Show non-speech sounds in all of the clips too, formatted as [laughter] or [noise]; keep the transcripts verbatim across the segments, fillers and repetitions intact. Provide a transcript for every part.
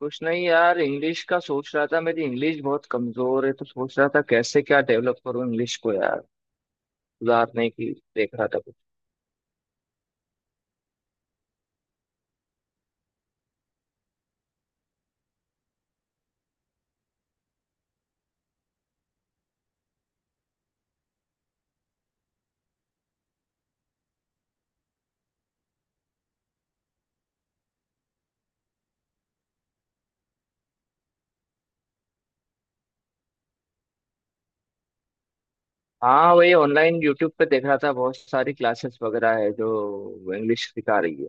कुछ नहीं यार, इंग्लिश का सोच रहा था। मेरी इंग्लिश बहुत कमजोर है तो सोच रहा था कैसे क्या डेवलप करूँ इंग्लिश को, यार सुधारने की। देख रहा था कुछ। हाँ, वही ऑनलाइन यूट्यूब पे देख रहा था, बहुत सारी क्लासेस वगैरह है जो इंग्लिश सिखा रही है।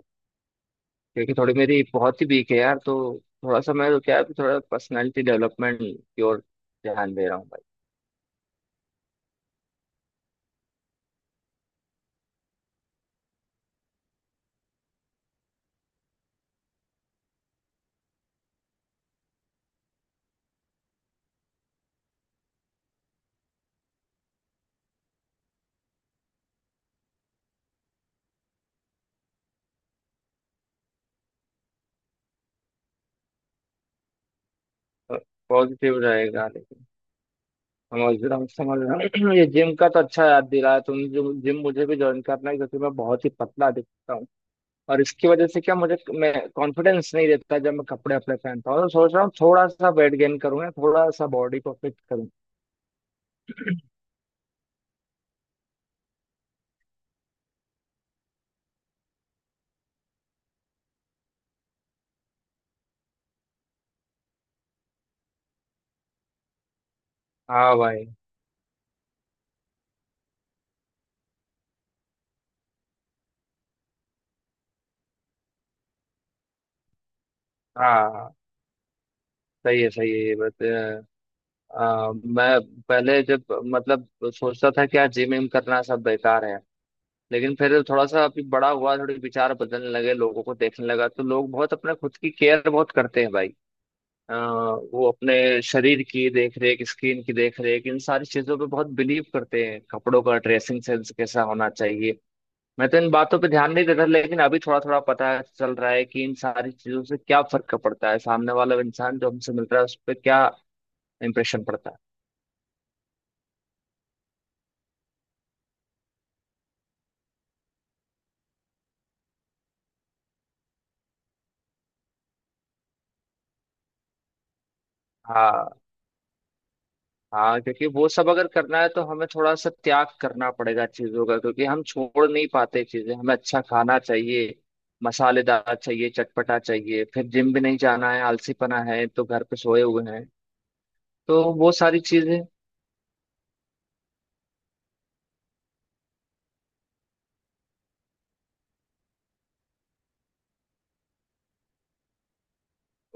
क्योंकि थोड़ी मेरी बहुत ही वीक है यार, तो थोड़ा सा मैं तो क्या है, थोड़ा पर्सनालिटी डेवलपमेंट की ओर ध्यान दे रहा हूँ भाई। पॉजिटिव रहेगा, लेकिन समझ रहा हूँ, समझ रहा हूँ। [clears throat] ये जिम का तो अच्छा याद दिलाया तुम। जिम जिम मुझे भी ज्वाइन करना है, क्योंकि मैं बहुत ही पतला दिखता हूँ। और इसकी वजह से क्या, मुझे मैं कॉन्फिडेंस नहीं रहता जब मैं कपड़े अपने पहनता हूँ। तो सोच रहा हूँ थोड़ा सा वेट गेन करूँ या थोड़ा सा बॉडी को फिट करूँ। हाँ भाई, हाँ सही है, सही है ये बात। अ, अ, मैं पहले जब मतलब सोचता था कि यार, जिम विम करना सब बेकार है। लेकिन फिर थोड़ा सा अभी बड़ा हुआ, थोड़े विचार बदलने लगे, लोगों को देखने लगा तो लोग बहुत अपने खुद की केयर बहुत करते हैं भाई। अ, वो अपने शरीर की देख रेख, स्किन की देख रेख, इन सारी चीजों पे बहुत बिलीव करते हैं, कपड़ों का ड्रेसिंग सेंस कैसा होना चाहिए। मैं तो इन बातों पे ध्यान नहीं देता, लेकिन अभी थोड़ा थोड़ा पता चल रहा है कि इन सारी चीजों से क्या फर्क पड़ता है, सामने वाला इंसान जो हमसे मिल रहा है उस पर क्या इम्प्रेशन पड़ता है। हाँ, हाँ, क्योंकि वो सब अगर करना है तो हमें थोड़ा सा त्याग करना पड़ेगा चीजों का, क्योंकि हम छोड़ नहीं पाते चीजें। हमें अच्छा खाना चाहिए, मसालेदार चाहिए, चटपटा चाहिए, फिर जिम भी नहीं जाना है, आलसीपना है तो घर पे सोए हुए हैं। तो वो सारी चीजें।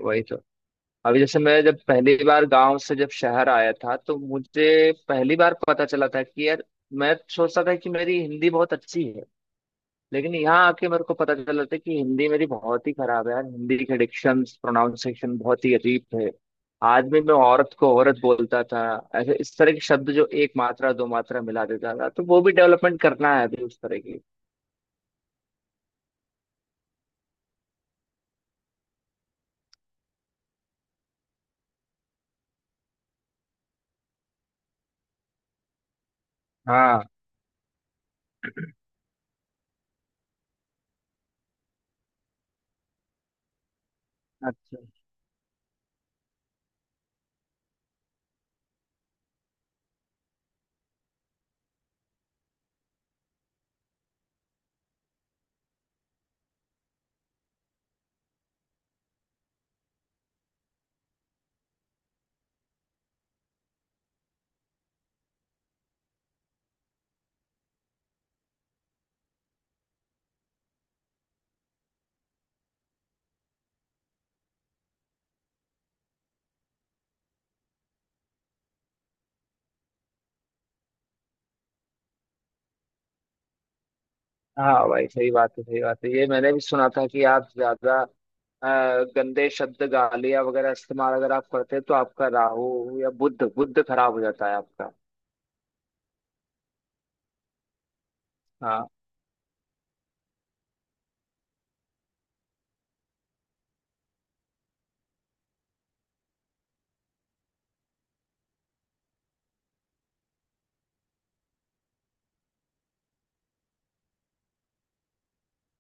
वही तो। अभी जैसे मैं जब पहली बार गांव से जब शहर आया था तो मुझे पहली बार पता चला था कि यार, मैं सोचता था कि मेरी हिंदी बहुत अच्छी है, लेकिन यहाँ आके मेरे को पता चला था कि हिंदी मेरी बहुत ही खराब है यार। हिंदी के डिक्शन, प्रोनाउंसिएशन बहुत ही अजीब थे। आदमी में औरत को औरत बोलता था, ऐसे इस तरह के शब्द जो एक मात्रा दो मात्रा मिला देता था। तो वो भी डेवलपमेंट करना है अभी उस तरह की। हाँ। अच्छा। हाँ भाई, सही बात है, सही बात है। ये मैंने भी सुना था कि आप ज्यादा अ, गंदे शब्द गालियाँ वगैरह इस्तेमाल अगर आप करते हैं तो आपका राहु या बुध बुध खराब हो जाता है आपका।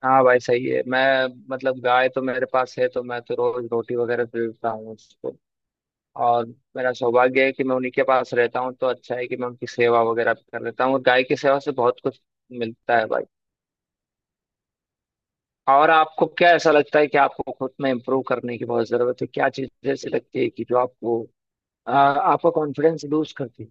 हाँ भाई, सही है। मैं मतलब गाय तो मेरे पास है तो मैं तो रोज रोटी वगैरह दे देता हूँ उसको। और मेरा सौभाग्य है कि मैं उन्हीं के पास रहता हूँ, तो अच्छा है कि मैं उनकी सेवा वगैरह भी कर लेता हूँ। और गाय की सेवा से बहुत कुछ मिलता है भाई। और आपको क्या ऐसा लगता है कि आपको खुद में इम्प्रूव करने की बहुत जरूरत है? क्या चीज ऐसी लगती है कि जो आपको आ, आपका कॉन्फिडेंस लूज करती है?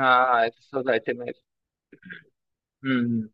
हाँ, एक सोसाइटी में। हम्म।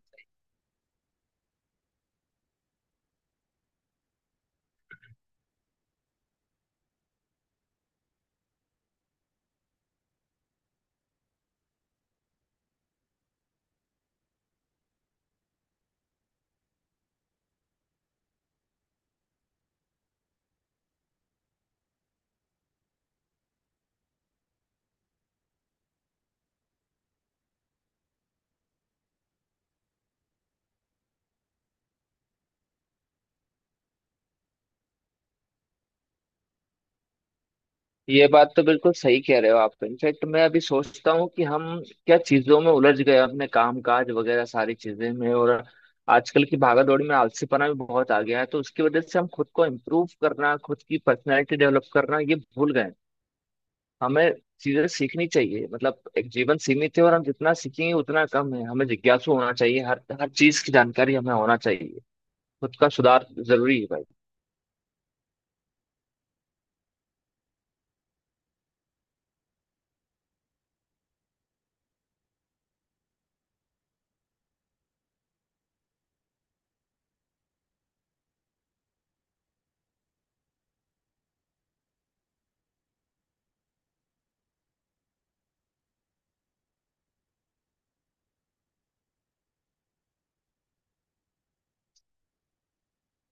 ये बात तो बिल्कुल सही कह रहे हो आप। इनफैक्ट मैं अभी सोचता हूँ कि हम क्या चीजों में उलझ गए, अपने काम काज वगैरह सारी चीजें में। और आजकल की भागदौड़ में आलसीपना भी बहुत आ गया है, तो उसकी वजह से हम खुद को इम्प्रूव करना, खुद की पर्सनैलिटी डेवलप करना ये भूल गए हैं। हमें चीजें सीखनी चाहिए। मतलब एक जीवन सीमित है और हम जितना सीखेंगे उतना कम है। हमें जिज्ञासु होना चाहिए, हर हर चीज की जानकारी हमें होना चाहिए। खुद का सुधार जरूरी है भाई।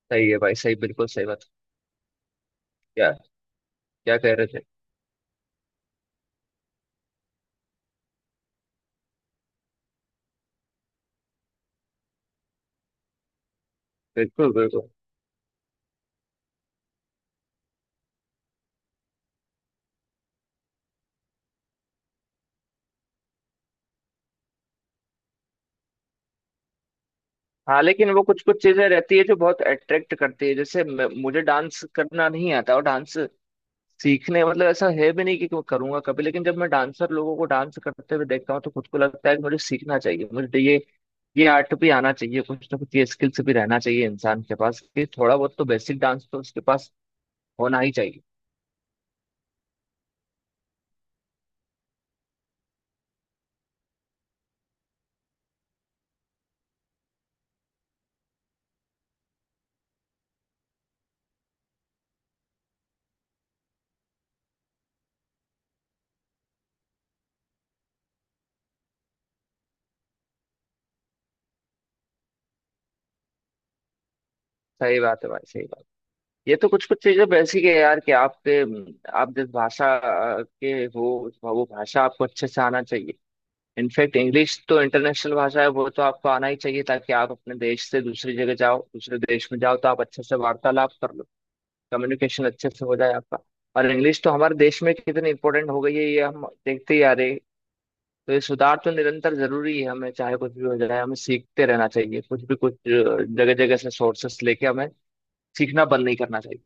सही है भाई, सही, बिल्कुल सही बात। क्या, क्या कह रहे थे? बिल्कुल, बिल्कुल। हाँ लेकिन वो कुछ कुछ चीजें रहती है जो बहुत अट्रैक्ट करती है, जैसे म- मुझे डांस करना नहीं आता। और डांस सीखने, मतलब ऐसा है भी नहीं कि मैं करूंगा कभी, लेकिन जब मैं डांसर लोगों को डांस करते हुए देखता हूँ तो खुद को लगता है कि मुझे सीखना चाहिए, मुझे ये ये आर्ट भी आना चाहिए। कुछ ना कुछ ये स्किल्स भी रहना चाहिए इंसान के पास कि थोड़ा बहुत तो बेसिक डांस तो उसके पास होना ही चाहिए। सही बात है भाई, सही बात। ये तो कुछ कुछ चीजें बेसिक है यार कि आपके आप जिस भाषा अ, के हो उस- वो भाषा आपको अच्छे से आना चाहिए। इनफैक्ट इंग्लिश तो इंटरनेशनल भाषा है, वो तो आपको आना ही चाहिए, ताकि आप अपने देश से दूसरी जगह जाओ, दूसरे देश में जाओ, तो आप अच्छे से वार्तालाप कर लो, कम्युनिकेशन अच्छे से हो जाए आपका। और इंग्लिश तो हमारे देश में कितनी इंपॉर्टेंट हो गई है ये हम देखते ही आ रहे हैं। तो ये सुधार तो निरंतर जरूरी है, हमें चाहे कुछ भी हो जाए हमें सीखते रहना चाहिए, कुछ भी, कुछ जगह जगह से सोर्सेस लेके हमें सीखना बंद नहीं करना चाहिए।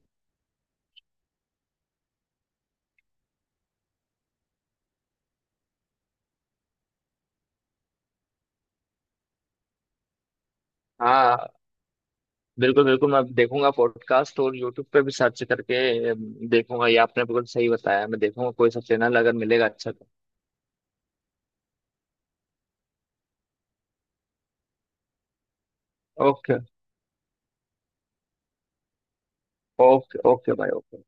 हाँ बिल्कुल, बिल्कुल। मैं देखूंगा पॉडकास्ट और यूट्यूब पे भी सर्च करके अम, देखूंगा। ये आपने बिल्कुल सही बताया, मैं देखूंगा कोई सा चैनल अगर मिलेगा अच्छा तो। ओके, ओके ओके भाई, ओके।